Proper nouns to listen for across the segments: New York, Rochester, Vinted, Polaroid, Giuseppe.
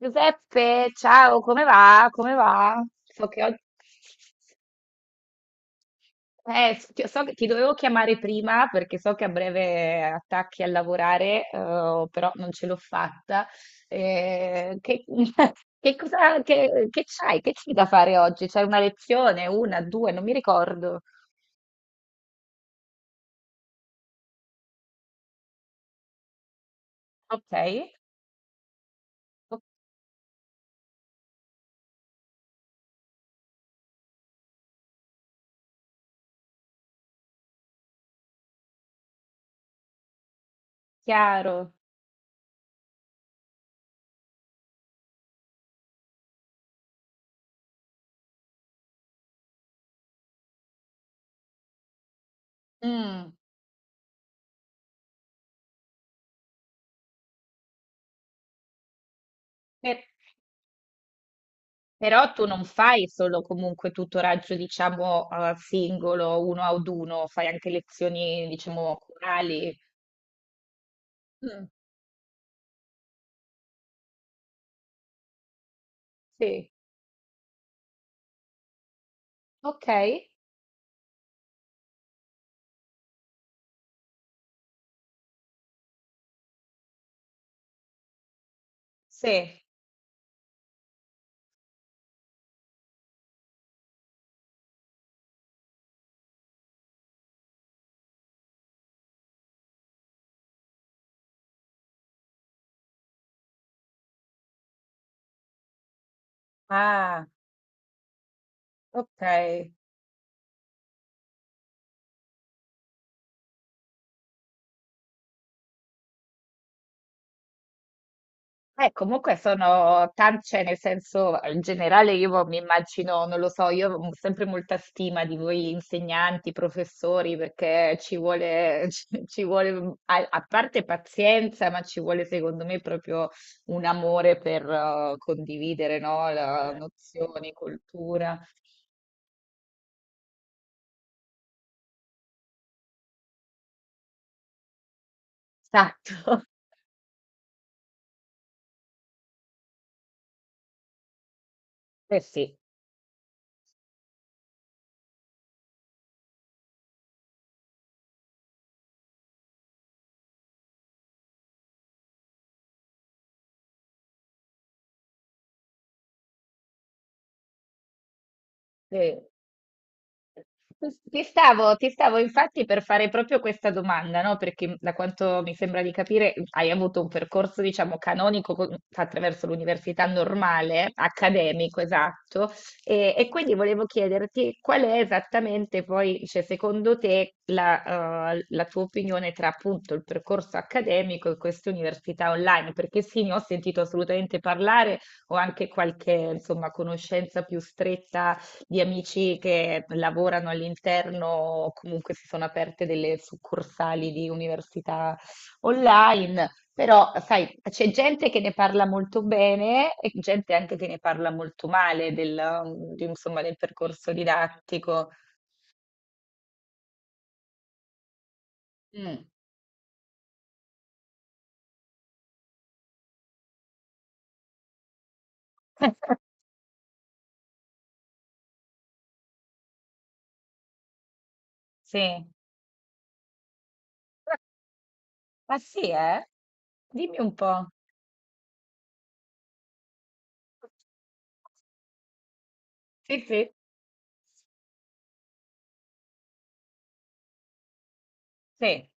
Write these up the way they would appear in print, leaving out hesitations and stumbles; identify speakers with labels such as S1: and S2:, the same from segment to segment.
S1: Giuseppe, ciao, come va? Come va? So che ti dovevo chiamare prima perché so che a breve attacchi a lavorare, però non ce l'ho fatta. Che, che cosa, che c'hai? Che c'hai da fare oggi? C'hai una lezione? Una, due? Non mi ricordo. Ok, chiaro. Mm. Però tu non fai solo comunque tutoraggio, diciamo, a singolo, uno ad uno, fai anche lezioni, diciamo, corali. Mm, sì, ok, sì. Ah, ok. Comunque sono tanti, cioè nel senso, in generale io mi immagino, non lo so, io ho sempre molta stima di voi insegnanti, professori, perché ci vuole, ci vuole, a parte pazienza, ma ci vuole secondo me proprio un amore per condividere, no? Nozioni, cultura. Esatto. Eh sì, sì. Ti stavo infatti per fare proprio questa domanda, no? Perché da quanto mi sembra di capire hai avuto un percorso, diciamo, canonico attraverso l'università normale, accademico, esatto, e quindi volevo chiederti qual è esattamente poi, cioè, secondo te, la tua opinione tra appunto il percorso accademico e queste università online, perché sì, ne ho sentito assolutamente parlare, ho anche qualche, insomma, conoscenza più stretta di amici che lavorano all'interno, o comunque si sono aperte delle succursali di università online, però sai, c'è gente che ne parla molto bene e gente anche che ne parla molto male insomma, del percorso didattico. Mm. Sì, ma sì, eh? Dimmi un po'. Sì, sì, sì,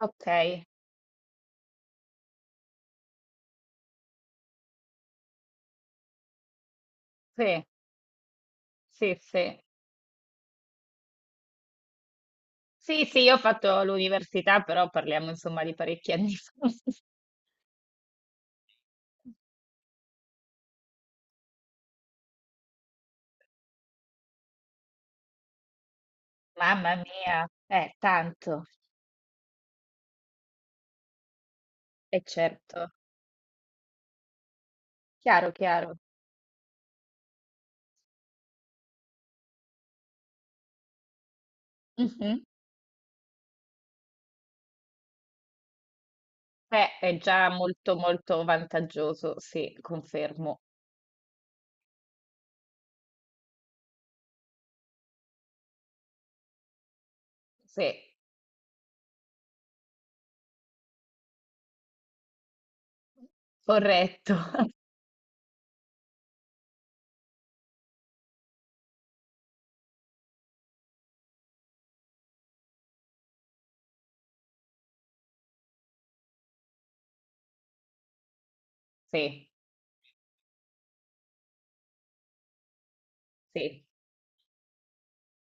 S1: ok, sì, sì, sì. Sì, sì, io ho fatto l'università, però parliamo insomma di parecchi anni fa. Mamma mia, tanto, è certo, chiaro, chiaro. Mhm. Beh, è già molto, molto vantaggioso, sì, confermo. Sì, corretto, sì, sì.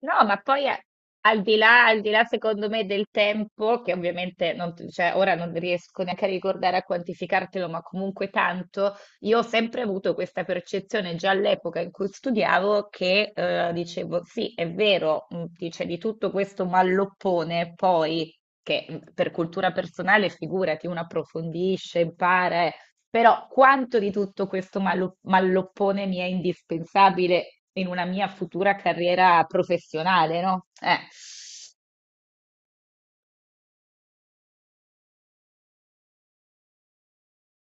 S1: No, ma poi al di là, secondo me, del tempo, che ovviamente non, cioè, ora non riesco neanche a ricordare a quantificartelo, ma comunque tanto, io ho sempre avuto questa percezione già all'epoca in cui studiavo che dicevo, sì, è vero, dice di tutto questo malloppone, poi che per cultura personale, figurati, uno approfondisce, impara, però quanto di tutto questo malloppone mi è indispensabile in una mia futura carriera professionale, no?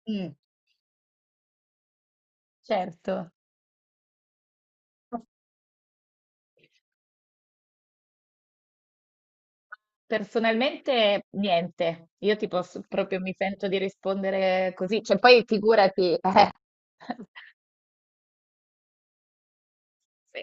S1: Mm, certo. Personalmente niente, io ti posso proprio mi sento di rispondere così, cioè poi figurati, eh. Sì.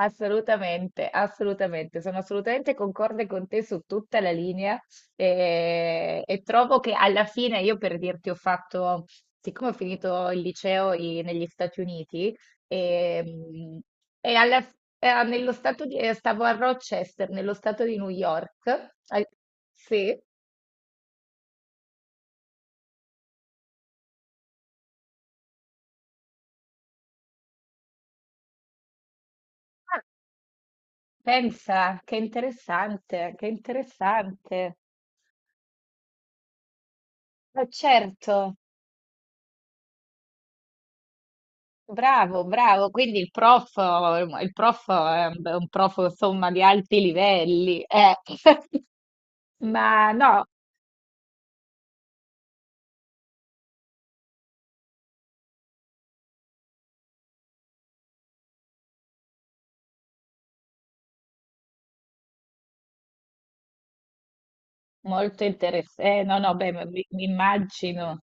S1: Assolutamente, assolutamente, sono assolutamente concorde con te su tutta la linea e, trovo che alla fine io per dirti ho fatto, siccome ho finito il liceo negli Stati Uniti ehm, e, nello stato stavo a Rochester, nello stato di New York. al- sì. Ah, pensa, che interessante, ma certo. Bravo, bravo. Quindi il prof è un prof insomma di alti livelli. Ma no, molto interessante. No, no, beh, ma mi immagino.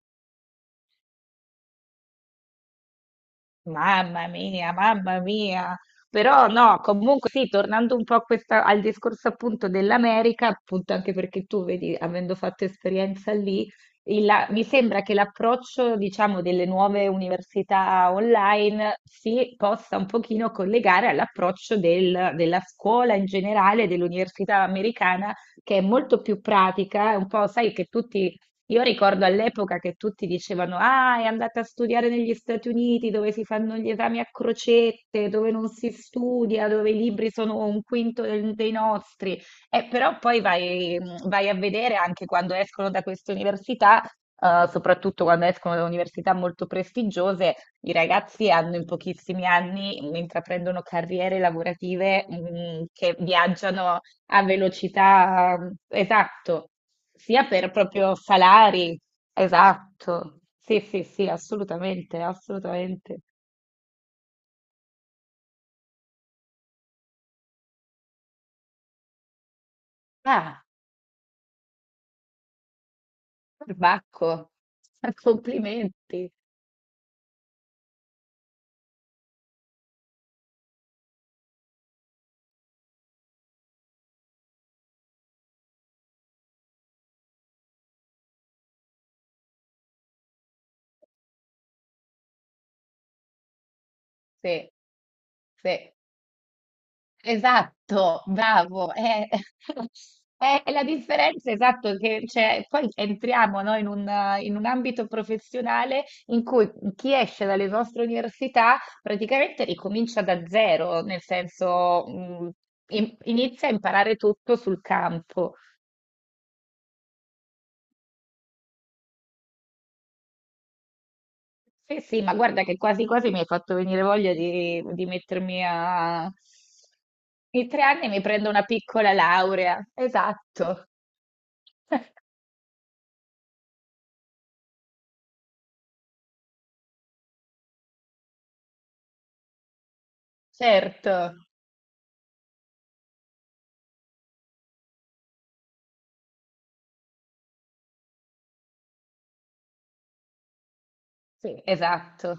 S1: Mamma mia, mamma mia. Però no, comunque sì, tornando un po' a al discorso appunto dell'America, appunto anche perché tu vedi, avendo fatto esperienza lì, mi sembra che l'approccio, diciamo, delle nuove università online si possa un pochino collegare all'approccio della scuola in generale, dell'università americana, che è molto più pratica, è un po', sai, che tutti io ricordo all'epoca che tutti dicevano: Ah, è andata a studiare negli Stati Uniti dove si fanno gli esami a crocette, dove non si studia, dove i libri sono un quinto dei nostri. Però poi vai a vedere anche quando escono da queste università, soprattutto quando escono da università molto prestigiose, i ragazzi hanno in pochissimi anni, intraprendono carriere lavorative, che viaggiano a velocità, esatto, sia per proprio salari, esatto, sì, sì, sì, assolutamente, assolutamente. Ah, Bacco, complimenti, sì, sì. Esatto, bravo. È, è la differenza, esatto, che c'è. Poi entriamo, no, in un ambito professionale in cui chi esce dalle vostre università praticamente ricomincia da zero, nel senso, inizia a imparare tutto sul campo. Sì, sì, ma guarda che quasi quasi mi hai fatto venire voglia di mettermi a. In 3 anni mi prendo una piccola laurea. Esatto, certo. Sì, esatto.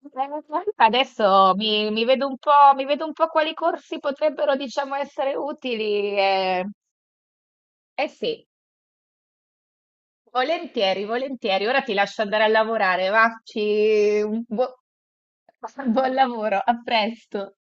S1: Eh, Adesso mi, mi vedo un po', mi vedo un po' quali corsi potrebbero, diciamo, essere utili. Eh sì, volentieri, volentieri. Ora ti lascio andare a lavorare, va? Buon lavoro, a presto.